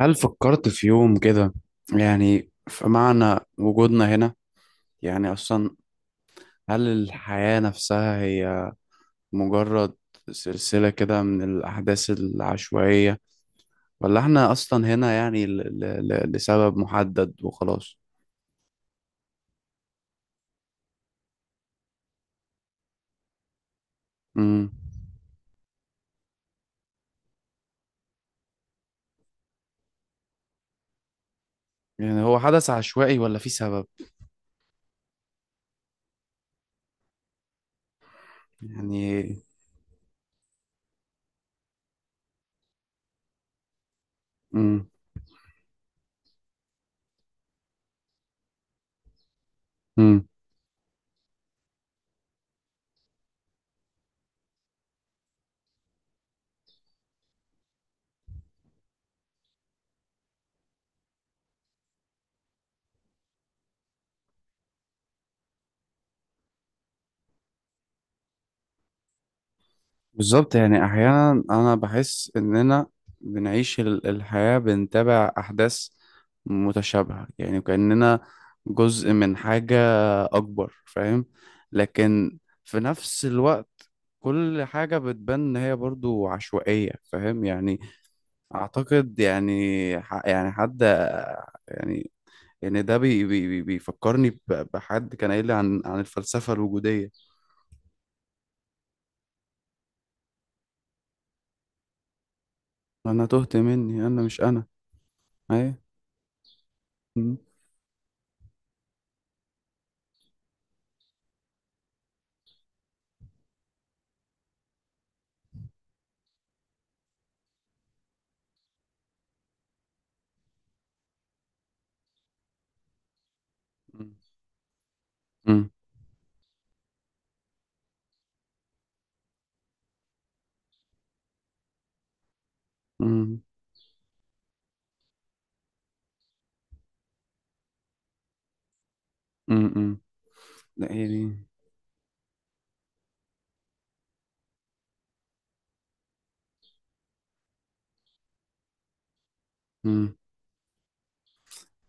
هل فكرت في يوم كده؟ يعني في معنى وجودنا هنا، يعني أصلا هل الحياة نفسها هي مجرد سلسلة كده من الأحداث العشوائية، ولا إحنا أصلا هنا يعني ل ل ل لسبب محدد وخلاص؟ مم. يعني هو حدث عشوائي ولا في سبب؟ يعني مم. مم. بالظبط، يعني احيانا انا بحس اننا بنعيش الحياة، بنتابع احداث متشابهة، يعني كأننا جزء من حاجة اكبر، فاهم؟ لكن في نفس الوقت كل حاجة بتبان ان هي برضو عشوائية، فاهم؟ يعني اعتقد يعني يعني حد يعني يعني ده بيفكرني بحد كان قايل لي عن الفلسفة الوجودية. انا تهت مني، انا مش انا. اهي. مم. مم. مم. مم. مم. لا يعني. مم.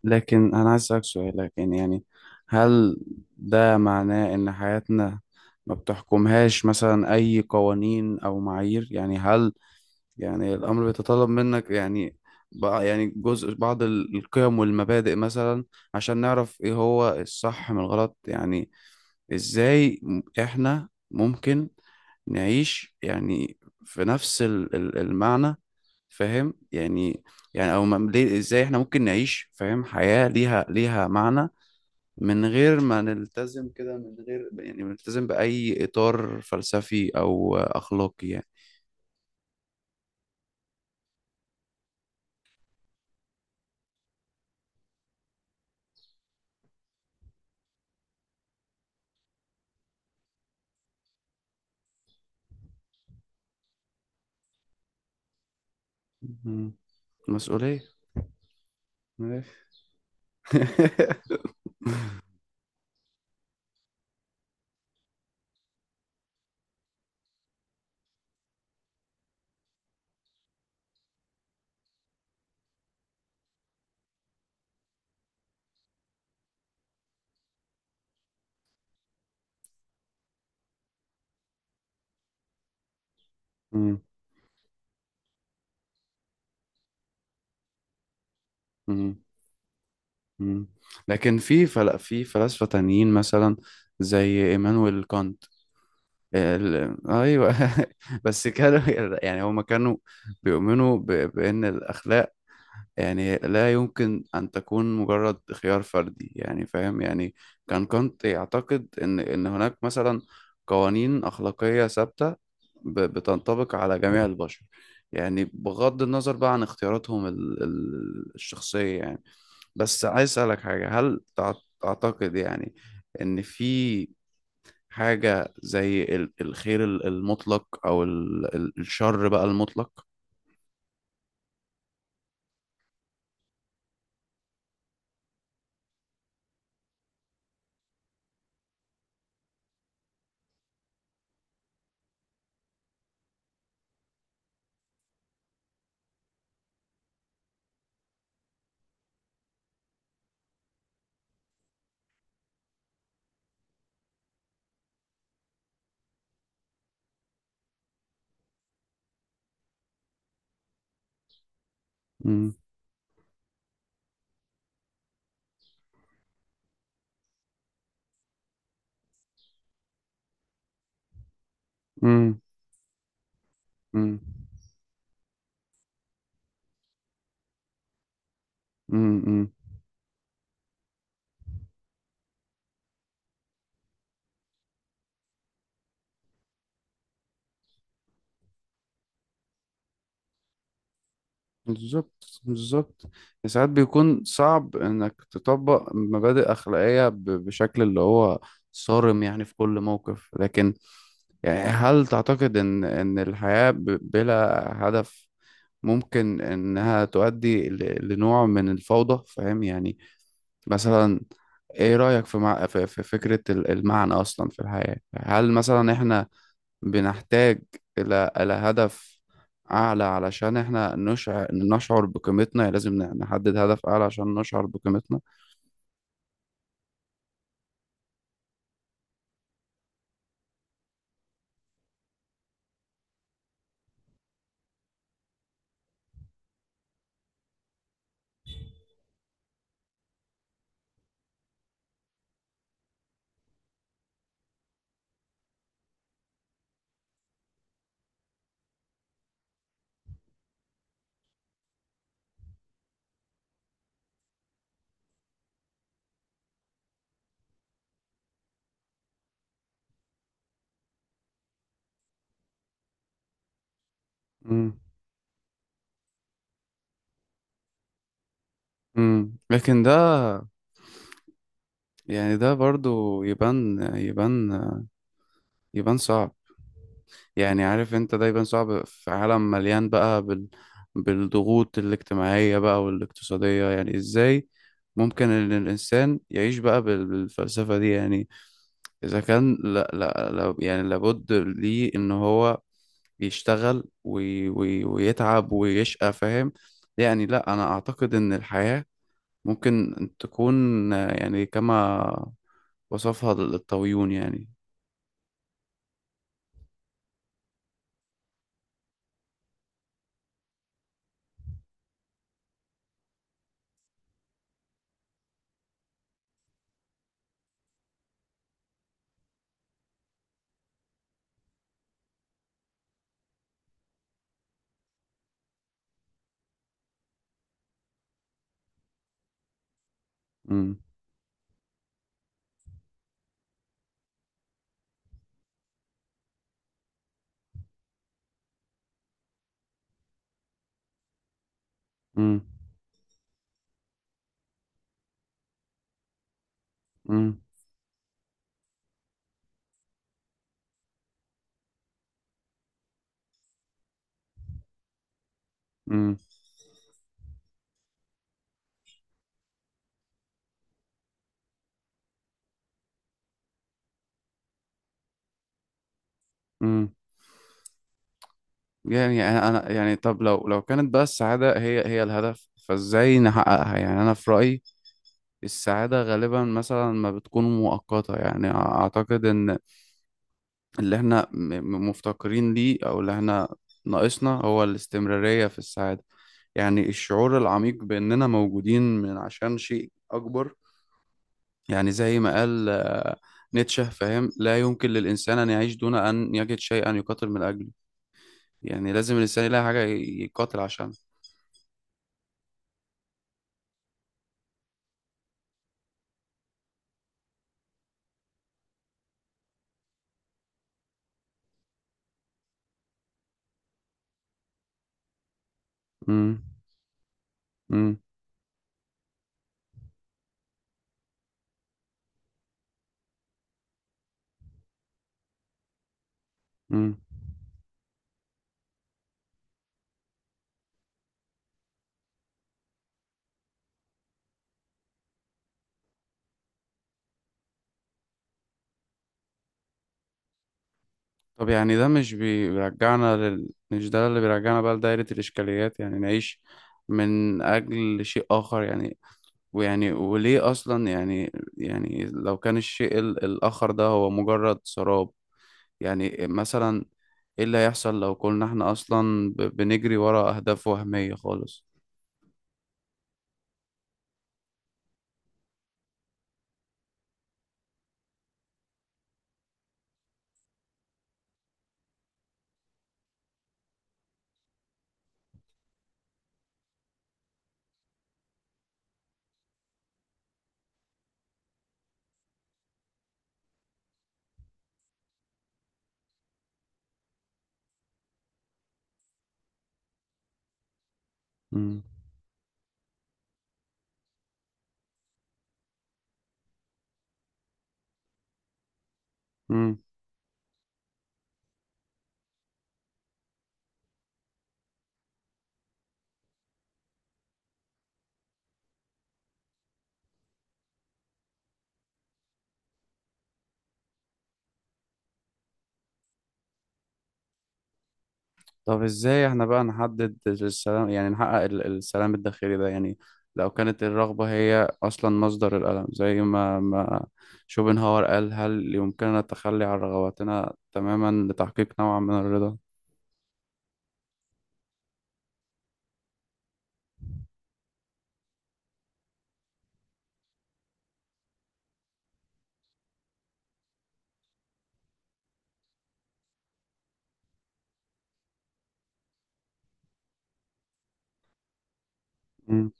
لكن أنا عايز أسألك سؤال، لكن يعني هل ده معناه إن حياتنا ما بتحكمهاش مثلا أي قوانين أو معايير؟ يعني هل يعني الأمر بيتطلب منك يعني بقى يعني جزء بعض القيم والمبادئ مثلا، عشان نعرف إيه هو الصح من الغلط؟ يعني إزاي إحنا ممكن نعيش يعني في نفس المعنى فاهم؟ يعني او ليه ازاي احنا ممكن نعيش فاهم حياة ليها معنى، من غير ما نلتزم كده، من غير يعني نلتزم بأي إطار فلسفي أو أخلاقي يعني؟ مم. مسؤولية. ماشي. مم. مم. مم. لكن في فلاسفة تانيين مثلا زي إيمانويل كانت. ايوه. بس كانوا، يعني هما كانوا بيؤمنوا بان الاخلاق يعني لا يمكن ان تكون مجرد خيار فردي، يعني فاهم يعني كانت يعتقد ان هناك مثلا قوانين اخلاقيه ثابته بتنطبق على جميع البشر، يعني بغض النظر بقى عن اختياراتهم الشخصيه يعني. بس عايز اسالك حاجه، هل تعتقد يعني ان في حاجة زي الخير المطلق أو الشر بقى المطلق؟ مم. مم. مم. مم. مم. بالظبط، بالظبط. ساعات بيكون صعب انك تطبق مبادئ اخلاقيه بشكل اللي هو صارم يعني في كل موقف، لكن يعني هل تعتقد ان الحياه بلا هدف ممكن انها تؤدي لنوع من الفوضى، فاهم يعني؟ مثلا ايه رأيك في, مع... في في فكرة المعنى اصلا في الحياة؟ هل مثلا احنا بنحتاج الى هدف اعلى علشان احنا نشعر بقيمتنا؟ يعني لازم نحدد هدف اعلى عشان نشعر بقيمتنا؟ امم لكن ده، يعني ده برضو يبان يبان يبان صعب، يعني عارف انت دايما صعب في عالم مليان بقى بالضغوط الاجتماعية بقى والاقتصادية، يعني ازاي ممكن ان الانسان يعيش بقى بالفلسفة دي يعني؟ اذا كان لا لا لا يعني لابد ليه ان هو يشتغل ويتعب ويشقى، فاهم يعني. لا، انا اعتقد ان الحياة ممكن تكون آه، يعني كما وصفها الطاويون يعني. امم امم امم يعني يعني طب لو كانت بقى السعاده هي الهدف فازاي نحققها يعني؟ انا في رايي السعاده غالبا مثلا ما بتكون مؤقته، يعني اعتقد ان اللي احنا مفتقرين ليه او اللي احنا ناقصنا هو الاستمراريه في السعاده. يعني الشعور العميق باننا موجودين من عشان شيء اكبر، يعني زي ما قال آه، نيتشه، فاهم؟ لا يمكن للانسان ان يعيش دون ان يجد شيئا يقاتل من اجله، يعني لازم الانسان يلاقي حاجه يقاتل عشانها. مم. مم. مم. طب يعني ده مش مش ده اللي بيرجعنا بقى لدائرة الإشكاليات؟ يعني نعيش من أجل شيء آخر يعني، ويعني وليه أصلا يعني لو كان الشيء الآخر ده هو مجرد سراب، يعني مثلا إيه اللي هيحصل لو كنا إحنا أصلا بنجري ورا أهداف وهمية خالص؟ مم. مم. طب ازاي احنا بقى نحدد السلام، يعني نحقق السلام الداخلي ده يعني؟ لو كانت الرغبة هي أصلا مصدر الألم زي ما شوبنهاور قال، هل يمكننا التخلي عن رغباتنا تماما لتحقيق نوع من الرضا؟ مم.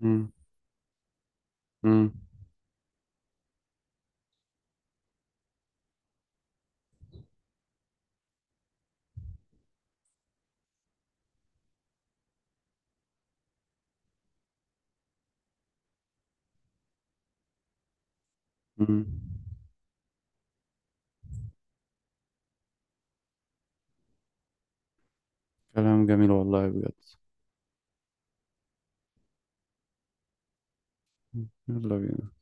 مم. مم. مم. كلام جميل والله بجد. يلا بينا.